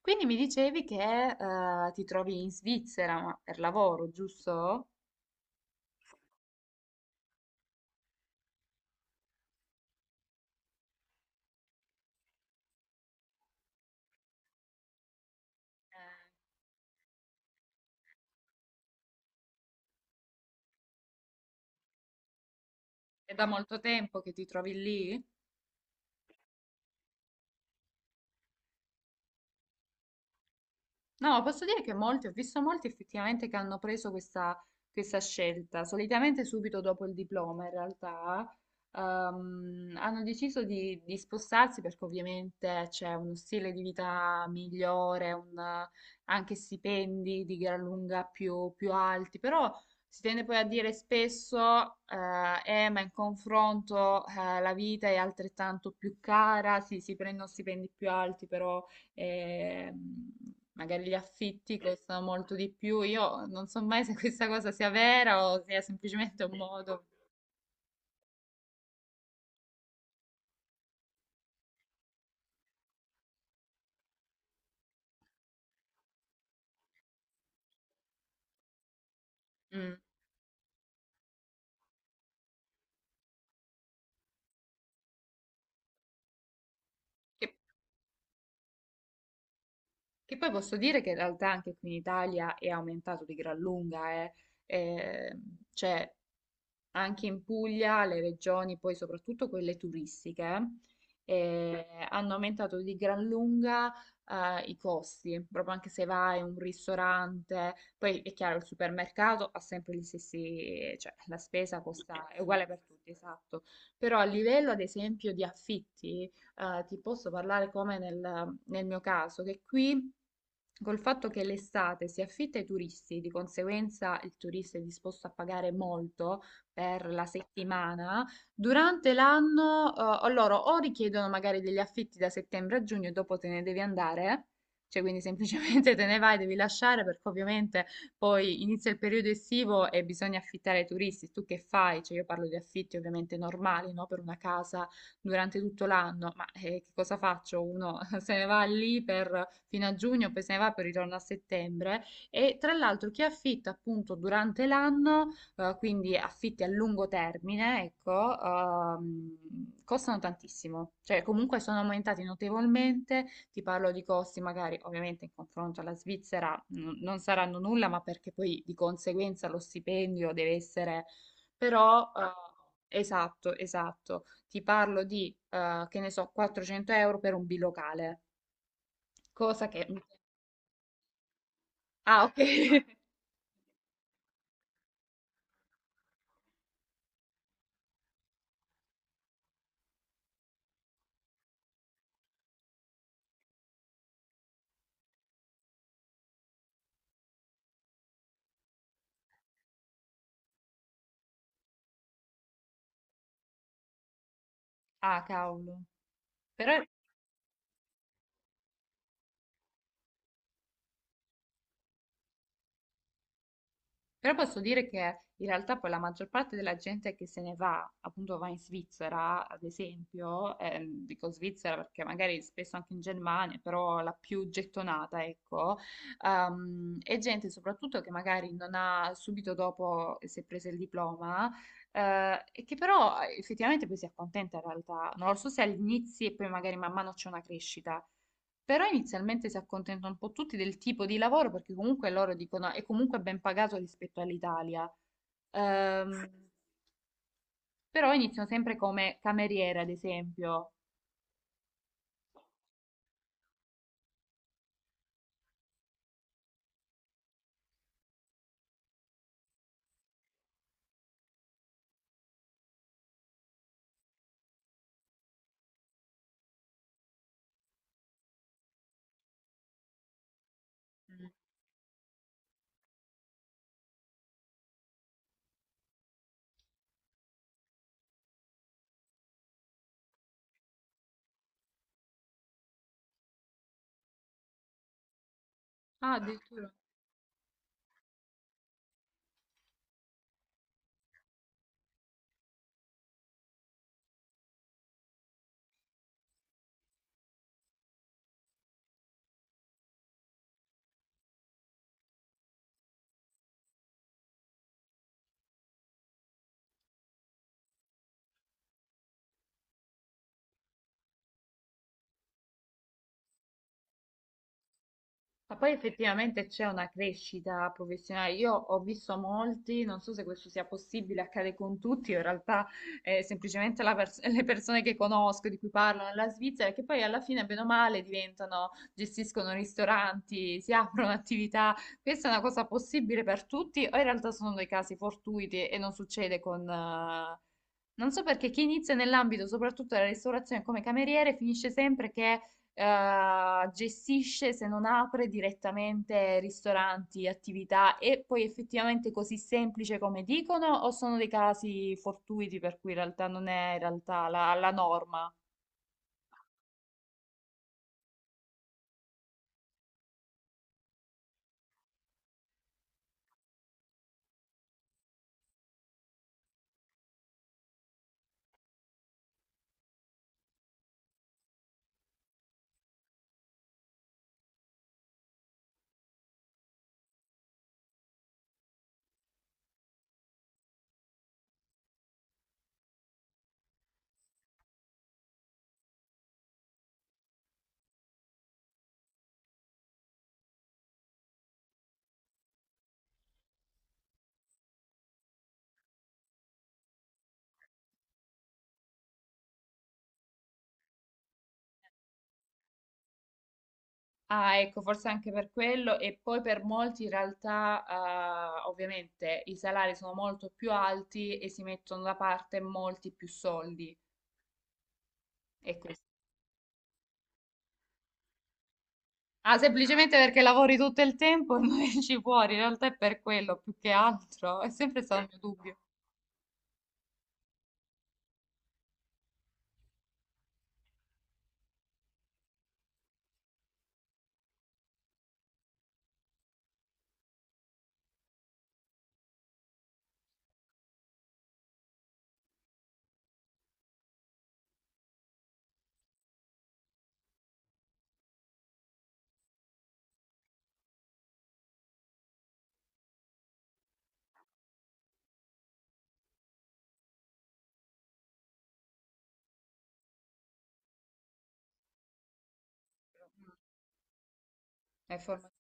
Quindi mi dicevi che ti trovi in Svizzera ma per lavoro, giusto? Eh, È da molto tempo che ti trovi lì? No, posso dire che molti, ho visto molti effettivamente che hanno preso questa, questa scelta, solitamente subito dopo il diploma in realtà, hanno deciso di spostarsi perché ovviamente c'è uno stile di vita migliore, anche stipendi di gran lunga più alti, però si tende poi a dire spesso, ma in confronto, la vita è altrettanto più cara, sì, si prendono stipendi più alti, però e mh, magari gli affitti costano molto di più. Io non so mai se questa cosa sia vera o sia semplicemente un modo. Mm. Che, che poi posso dire che in realtà anche qui in Italia è aumentato di gran lunga, eh. Eh, cioè, anche in Puglia le regioni, poi soprattutto quelle turistiche, hanno aumentato di gran lunga i costi, proprio anche se vai in un ristorante, poi è chiaro il supermercato ha sempre gli stessi, cioè la spesa costa, è uguale per tutti, esatto, però a livello ad esempio di affitti, ti posso parlare come nel mio caso, che qui... Col fatto che l'estate si affitta ai turisti, di conseguenza il turista è disposto a pagare molto, per la settimana, durante l'anno o loro o richiedono magari degli affitti da settembre a giugno e dopo te ne devi andare, cioè quindi semplicemente te ne vai, devi lasciare perché ovviamente poi inizia il periodo estivo e bisogna affittare ai turisti. Tu che fai? Cioè io parlo di affitti ovviamente normali, no? Per una casa durante tutto l'anno, ma che cosa faccio? Uno se ne va lì per, fino a giugno, poi se ne va per ritorno a settembre. E tra l'altro chi affitta appunto durante l'anno quindi affitti a lungo termine, ecco, costano tantissimo, cioè comunque sono aumentati notevolmente, ti parlo di costi magari ovviamente in confronto alla Svizzera non saranno nulla, ma perché poi di conseguenza lo stipendio deve essere però... Esatto, esatto. Ti parlo di, che ne so, 400 euro per un bilocale, cosa che... Ah, ok. Ah, cavolo. Però... Però posso dire che in realtà poi la maggior parte della gente che se ne va, appunto va in Svizzera, ad esempio, dico Svizzera perché magari spesso anche in Germania, però la più gettonata, ecco, è gente soprattutto che magari non ha subito dopo che si è presa il diploma, e che però effettivamente poi si accontenta in realtà, non lo so se all'inizio e poi magari man mano c'è una crescita. Però inizialmente si accontentano un po' tutti del tipo di lavoro perché comunque loro dicono è comunque ben pagato rispetto all'Italia. Ehm, Però iniziano sempre come cameriere, ad esempio. Mm. Ah, ah, addirittura. Ma poi effettivamente c'è una crescita professionale. Io ho visto molti, non so se questo sia possibile, accade con tutti, in realtà semplicemente la le persone che conosco, di cui parlo nella Svizzera, che poi alla fine, bene o male, diventano, gestiscono ristoranti, si aprono attività. Questa è una cosa possibile per tutti, o in realtà sono dei casi fortuiti e non succede con... Non so perché chi inizia nell'ambito soprattutto della ristorazione come cameriere finisce sempre che gestisce, se non apre direttamente ristoranti, attività, e poi effettivamente così semplice come dicono, o sono dei casi fortuiti per cui in realtà non è in realtà la norma? Ah, ecco, forse anche per quello, e poi per molti in realtà, ovviamente i salari sono molto più alti e si mettono da parte molti più soldi. E questo. Ah, semplicemente perché lavori tutto il tempo e non esci fuori, in realtà è per quello più che altro, è sempre stato il mio dubbio. È forma-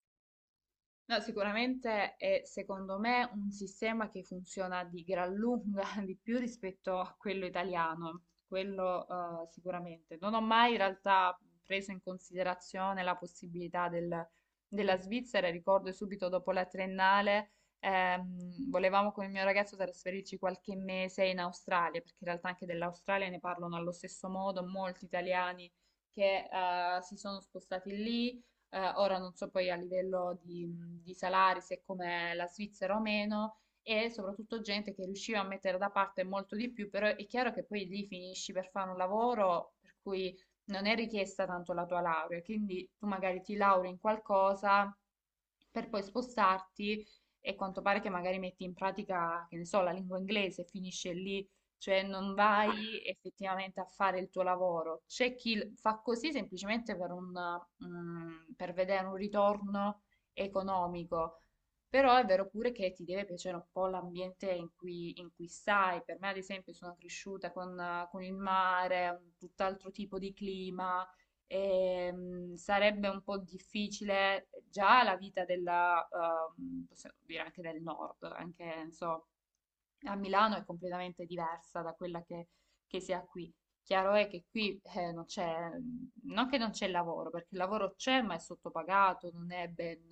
No, sicuramente è secondo me un sistema che funziona di gran lunga di più rispetto a quello italiano, quello sicuramente. Non ho mai in realtà preso in considerazione la possibilità della Svizzera, ricordo subito dopo la triennale volevamo con il mio ragazzo trasferirci qualche mese in Australia, perché in realtà anche dell'Australia ne parlano allo stesso modo molti italiani che si sono spostati lì ora non so poi a livello di, salari se come la Svizzera o meno, e soprattutto gente che riusciva a mettere da parte molto di più, però è chiaro che poi lì finisci per fare un lavoro per cui non è richiesta tanto la tua laurea, quindi tu magari ti lauri in qualcosa per poi spostarti e quanto pare che magari metti in pratica, che ne so, la lingua inglese, finisce lì, cioè non vai effettivamente a fare il tuo lavoro. C'è chi fa così semplicemente per vedere un ritorno economico, però è vero pure che ti deve piacere un po' l'ambiente in cui stai. Per me, ad esempio, sono cresciuta con il mare, un tutt'altro tipo di clima. E, sarebbe un po' difficile già la vita della, possiamo dire anche del nord, anche, non so, a Milano è completamente diversa da quella che si ha qui. Chiaro è che qui non c'è, non che non c'è lavoro, perché il lavoro c'è, ma è sottopagato, non è ben,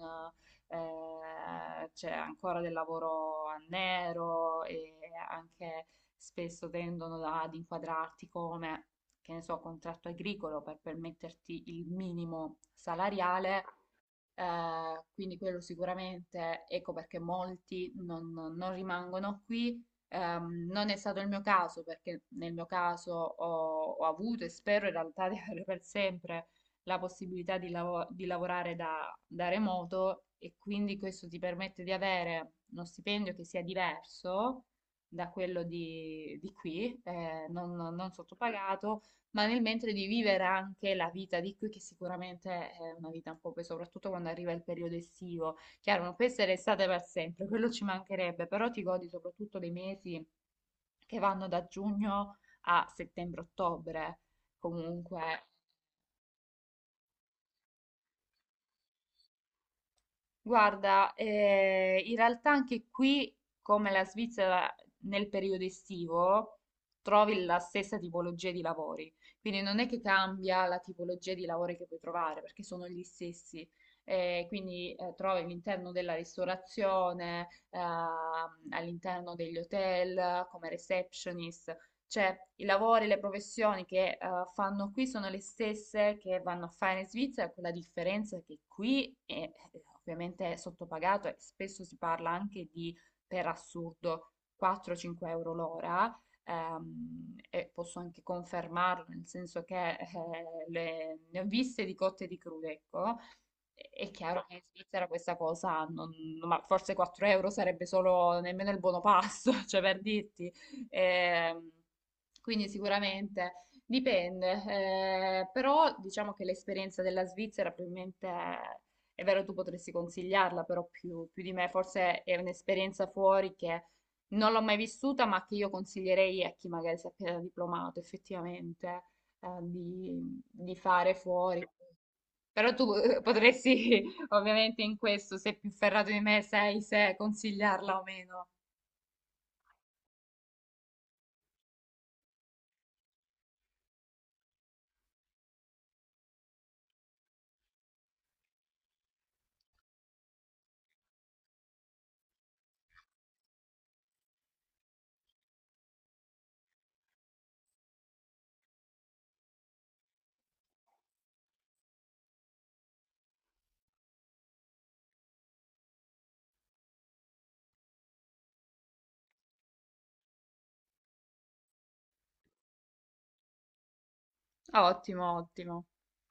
c'è ancora del lavoro a nero e anche spesso tendono ad inquadrarti come, che ne so, contratto agricolo per permetterti il minimo salariale quindi quello sicuramente, ecco perché molti non rimangono qui. Non è stato il mio caso, perché nel mio caso ho avuto e spero in realtà di avere per sempre la possibilità di lavorare da remoto e quindi questo ti permette di avere uno stipendio che sia diverso da quello di qui, non sottopagato ma nel mentre di vivere anche la vita di qui, che sicuramente è una vita un po' poi, soprattutto quando arriva il periodo estivo. Chiaro, non può essere estate per sempre, quello ci mancherebbe, però ti godi soprattutto dei mesi che vanno da giugno a settembre-ottobre. Comunque. Guarda, in realtà anche qui, come la Svizzera nel periodo estivo, trovi la stessa tipologia di lavori. Quindi non è che cambia la tipologia di lavori che puoi trovare, perché sono gli stessi. Quindi trovi all'interno della ristorazione, all'interno degli hotel, come receptionist. Cioè, i lavori, le professioni che fanno qui sono le stesse che vanno a fare in Svizzera, con la differenza che qui è ovviamente è sottopagato e spesso si parla anche di, per assurdo, 4-5 euro l'ora. E posso anche confermarlo, nel senso che ne ho viste di cotte e di crude, ecco. È chiaro che in Svizzera questa cosa, non- ma forse 4 euro sarebbe solo nemmeno il buono pasto, cioè per dirti. Ehm, quindi sicuramente dipende, però diciamo che l'esperienza della Svizzera probabilmente è vero, tu potresti consigliarla, però più di me, forse è un'esperienza fuori che non l'ho mai vissuta, ma che io consiglierei a chi magari si è appena diplomato effettivamente di fare fuori. Però tu potresti, ovviamente in questo, se più ferrato di me sei, se consigliarla o meno. Ah, ottimo, ottimo.